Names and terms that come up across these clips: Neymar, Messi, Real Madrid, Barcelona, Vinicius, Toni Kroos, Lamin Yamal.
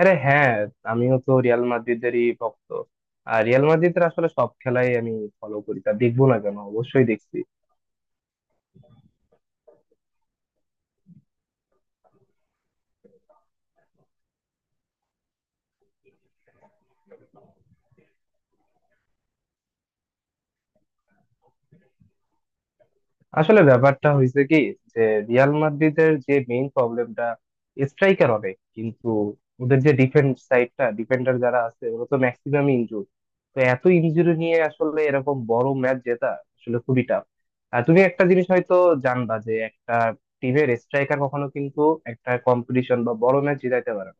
আরে হ্যাঁ, আমিও তো রিয়াল মাদ্রিদেরই ভক্ত। আর রিয়াল মাদ্রিদের আসলে সব খেলাই আমি ফলো করি, তা দেখবো না কেন? অবশ্যই দেখছি। আসলে ব্যাপারটা হয়েছে কি, যে রিয়াল মাদ্রিদের যে মেইন প্রবলেমটা, স্ট্রাইকার অনেক কিন্তু ওদের যে ডিফেন্স সাইডটা, ডিফেন্ডার যারা আছে ওরা তো ম্যাক্সিমাম ইনজুর। তো এত ইনজুরি নিয়ে আসলে এরকম বড় ম্যাচ জেতা আসলে খুবই টাফ। আর তুমি একটা জিনিস হয়তো জানবা, যে একটা টিমের স্ট্রাইকার কখনো কিন্তু একটা কম্পিটিশন বা বড় ম্যাচ জেতাইতে পারে না।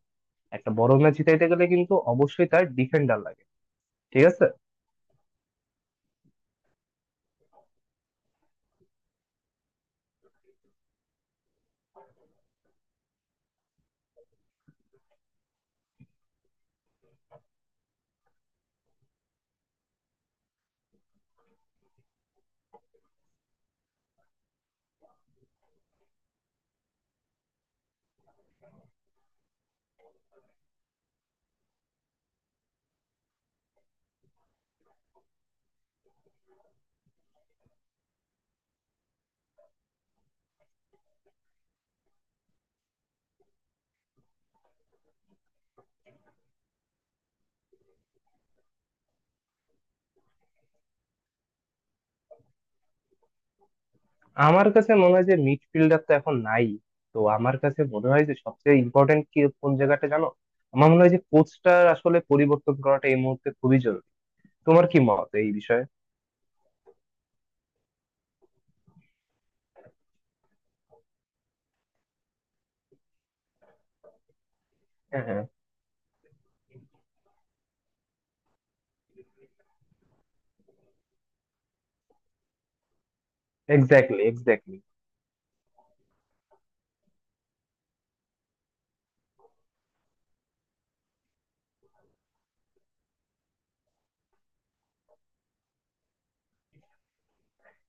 একটা বড় ম্যাচ জিতাইতে গেলে কিন্তু অবশ্যই তার ডিফেন্ডার লাগে, ঠিক আছে? আমার কাছে মনে হয় যে মিডফিল্ডার তো এখন নাই। তো আমার কাছে মনে হয় যে সবচেয়ে ইম্পর্টেন্ট কি, কোন জায়গাটা জানো? আমার মনে হয় যে কোচটার আসলে পরিবর্তন করাটা এই মুহূর্তে খুবই জরুরি। তোমার কি মত এই বিষয়ে? হ্যাঁ, হ্যাঁ। Exactly, exactly.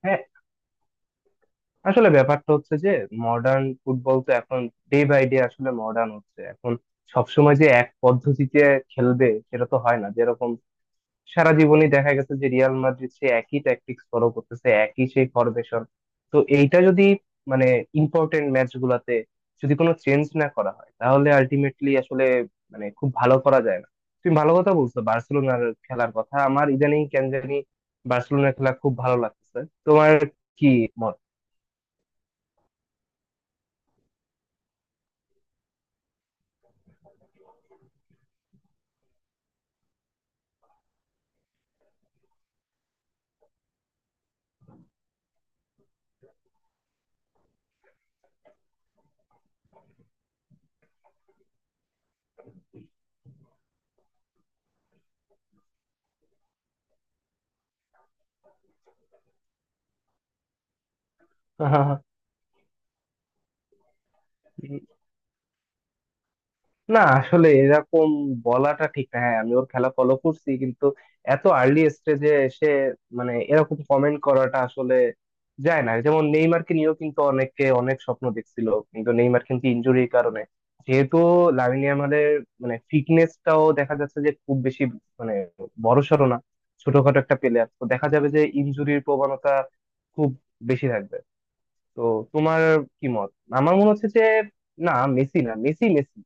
হ্যাঁ, আসলে ব্যাপারটা হচ্ছে যে মডার্ন ফুটবল তো এখন ডে বাই ডে আসলে মডার্ন হচ্ছে এখন। সবসময় যে এক পদ্ধতিতে খেলবে সেটা তো হয় না। যেরকম সারা জীবনই দেখা গেছে যে রিয়াল মাদ্রিদ সে একই ট্যাকটিক্স ফলো করতেছে, একই সেই ফরমেশন। তো এইটা যদি, মানে ইম্পর্টেন্ট ম্যাচ গুলাতে যদি কোনো চেঞ্জ না করা হয়, তাহলে আলটিমেটলি আসলে, মানে খুব ভালো করা যায় না। তুমি ভালো কথা বলছো, বার্সেলোনার খেলার কথা। আমার ইদানিং কেন জানি বার্সেলোনার খেলা খুব ভালো লাগতেছে। তোমার কি মত? না, আসলে এরকম বলাটা ঠিক না। হ্যাঁ, আমি ওর খেলা ফলো করছি, কিন্তু এত আর্লি স্টেজে এসে, মানে এরকম কমেন্ট করাটা আসলে যায় না। যেমন নেইমারকে নিয়েও কিন্তু অনেকে অনেক স্বপ্ন দেখছিল, কিন্তু নেইমার কিন্তু ইনজুরির কারণে। যেহেতু লামিন ইয়ামালের, মানে ফিটনেসটাও দেখা যাচ্ছে যে খুব বেশি, মানে বড়সড় না, ছোটখাটো একটা প্লেয়ার, তো দেখা যাবে যে ইনজুরির প্রবণতা খুব বেশি থাকবে। তো তোমার কি মত? আমার মনে হচ্ছে যে না, মেসি না, মেসি মেসি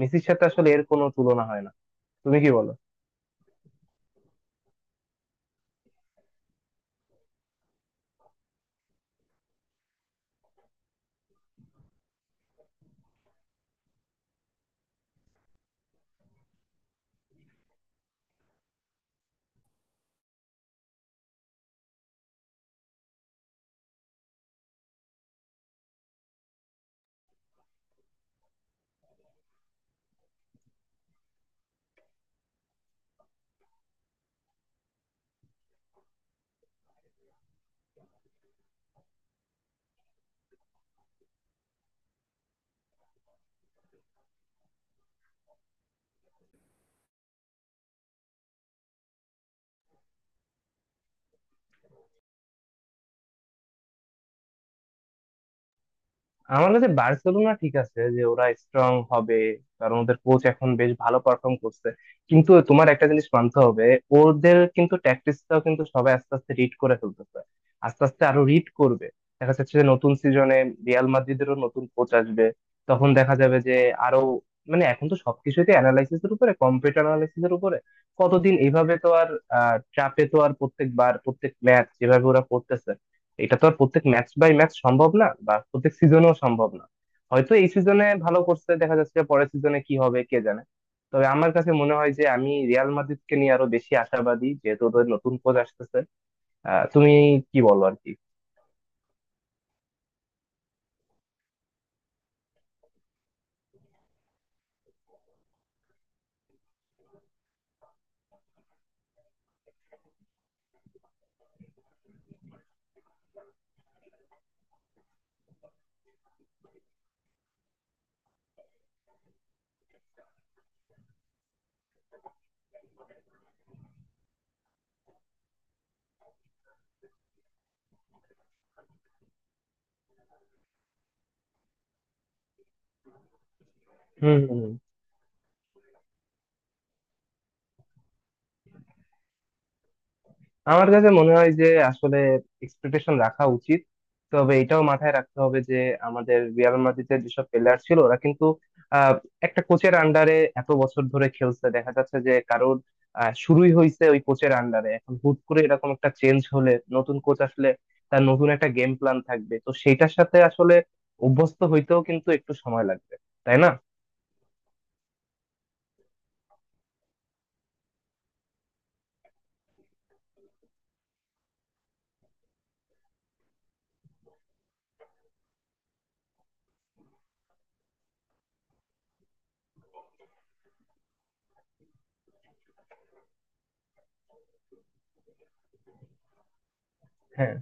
মেসির সাথে আসলে এর কোনো তুলনা হয় না। তুমি কি বলো? আমার কাছে বার্সেলোনা ঠিক আছে, যে ওরা স্ট্রং হবে, কারণ ওদের কোচ এখন বেশ ভালো পারফর্ম করছে। কিন্তু তোমার একটা জিনিস মানতে হবে, ওদের কিন্তু ট্যাকটিক্সটাও কিন্তু সবাই আস্তে আস্তে রিড করে ফেলতেছে, আস্তে আস্তে আরো রিড করবে। দেখা যাচ্ছে যে নতুন সিজনে রিয়াল মাদ্রিদেরও নতুন কোচ আসবে। তখন দেখা যাবে যে আরো, মানে এখন তো সবকিছুতে অ্যানালাইসিস এর উপরে, কম্পিউটার অ্যানালাইসিস এর উপরে, কতদিন এইভাবে তো আর ট্র্যাপে তো আর প্রত্যেকবার, প্রত্যেক ম্যাচ যেভাবে ওরা করতেছে, এটা তো আর প্রত্যেক ম্যাচ বাই ম্যাচ সম্ভব না, বা প্রত্যেক সিজনেও সম্ভব না। হয়তো এই সিজনে ভালো করছে, দেখা যাচ্ছে পরের সিজনে কি হবে কে জানে। তবে আমার কাছে মনে হয় যে আমি রিয়াল মাদ্রিদকে নিয়ে আরো বেশি আশাবাদী, যেহেতু ওদের নতুন কোচ আসতেছে। তুমি কি বলো আর কি? হম হম। আমার কাছে মনে হয় যে আসলে এক্সপেকটেশন রাখা উচিত। তবে এটাও মাথায় রাখতে হবে যে আমাদের রিয়াল মাদ্রিদের যেসব প্লেয়ার ছিল ওরা কিন্তু আহ, একটা কোচের আন্ডারে এত বছর ধরে খেলছে, দেখা যাচ্ছে যে কারোর শুরুই হয়েছে ওই কোচের আন্ডারে। এখন হুট করে এরকম একটা চেঞ্জ হলে, নতুন কোচ আসলে তার নতুন একটা গেম প্ল্যান থাকবে, তো সেইটার সাথে আসলে অভ্যস্ত হইতেও কিন্তু একটু সময় লাগবে, তাই না? হ্যাঁ।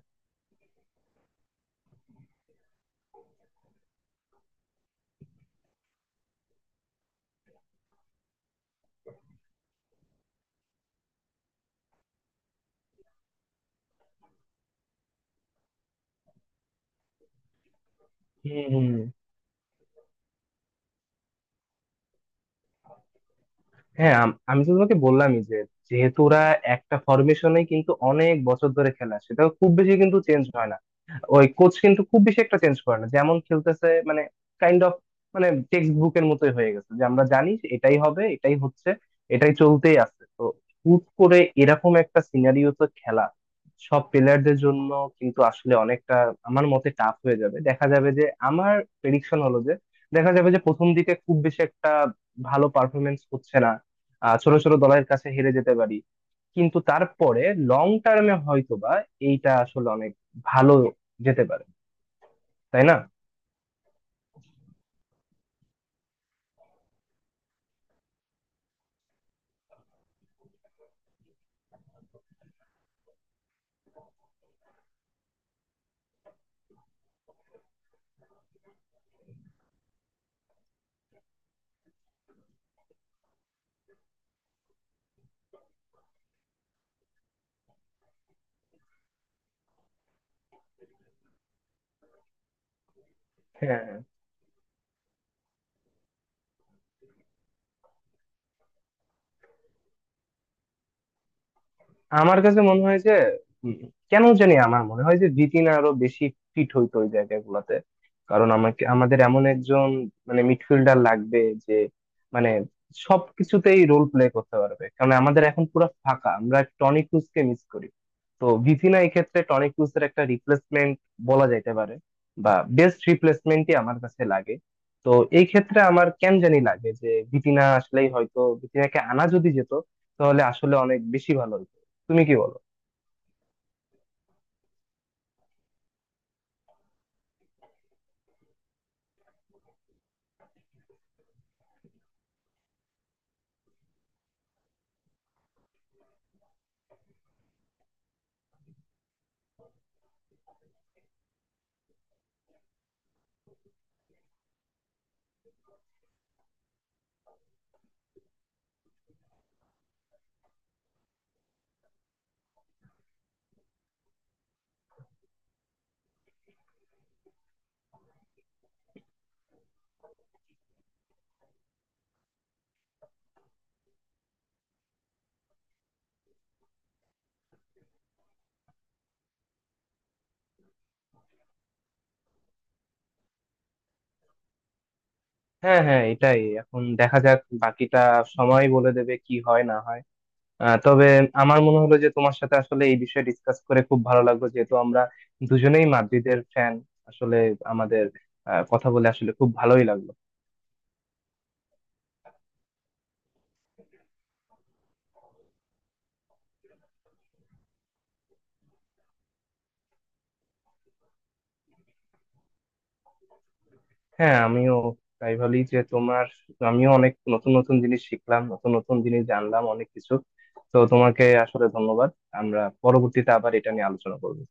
হুম হুম। হ্যাঁ, আমি তো তোমাকে বললামই যে যেহেতু ওরা একটা ফরমেশনে কিন্তু অনেক বছর ধরে খেলা, সেটা খুব বেশি কিন্তু চেঞ্জ হয় না। ওই কোচ কিন্তু খুব বেশি একটা চেঞ্জ করে না, যেমন খেলতেছে, মানে কাইন্ড অফ, মানে টেক্সট বুকের মতোই হয়ে গেছে যে আমরা জানি যে এটাই হবে, এটাই হচ্ছে, এটাই চলতেই আছে। তো হুট করে এরকম একটা সিনারিওতে খেলা সব প্লেয়ারদের জন্য কিন্তু আসলে অনেকটা, আমার মতে টাফ হয়ে যাবে। দেখা যাবে যে আমার প্রেডিকশন হলো যে দেখা যাবে যে প্রথম দিকে খুব বেশি একটা ভালো পারফরমেন্স হচ্ছে না, ছোট ছোট দলের কাছে হেরে যেতে পারি। কিন্তু তারপরে লং টার্মে হয়তোবা এইটা আসলে অনেক ভালো যেতে পারে, তাই না? হ্যাঁ। আমার কাছে মনে হয় যে উম, কেন জানি আমার মনে হয় যে জিতিন আরো বেশি ফিট হইতো ওই জায়গাগুলোতে। কারণ আমাকে, আমাদের এমন একজন মানে মিডফিল্ডার লাগবে, যে মানে সবকিছুতেই রোল প্লে করতে পারবে। কারণ আমাদের এখন পুরো ফাঁকা, আমরা টনি ক্রুজকে মিস করি। তো ভিতিনা এই ক্ষেত্রে টনি ক্রুজের একটা রিপ্লেসমেন্ট বলা যাইতে পারে, বা বেস্ট রিপ্লেসমেন্টই আমার কাছে লাগে। তো এই ক্ষেত্রে আমার কেন জানি লাগে যে ভিতিনা আসলেই, হয়তো ভিতিনাকে আনা যদি যেত তাহলে আসলে অনেক বেশি ভালো হতো। তুমি কি বলো? হ্যাঁ, হ্যাঁ, এটাই, এখন দেখা যাক, বাকিটা সময় বলে দেবে কি হয় না হয়। তবে আমার মনে হলো যে তোমার সাথে আসলে এই বিষয়ে ডিসকাস করে খুব ভালো লাগলো, যেহেতু আমরা দুজনেই মাদ্রিদের ফ্যান। আসলে আমাদের কথা বলে আসলে খুব ভালোই লাগলো। হ্যাঁ, আমিও তাই বলি যে তোমার, আমিও অনেক নতুন নতুন জিনিস শিখলাম, নতুন নতুন জিনিস জানলাম অনেক কিছু। তো তোমাকে আসলে ধন্যবাদ। আমরা পরবর্তীতে আবার এটা নিয়ে আলোচনা করবো।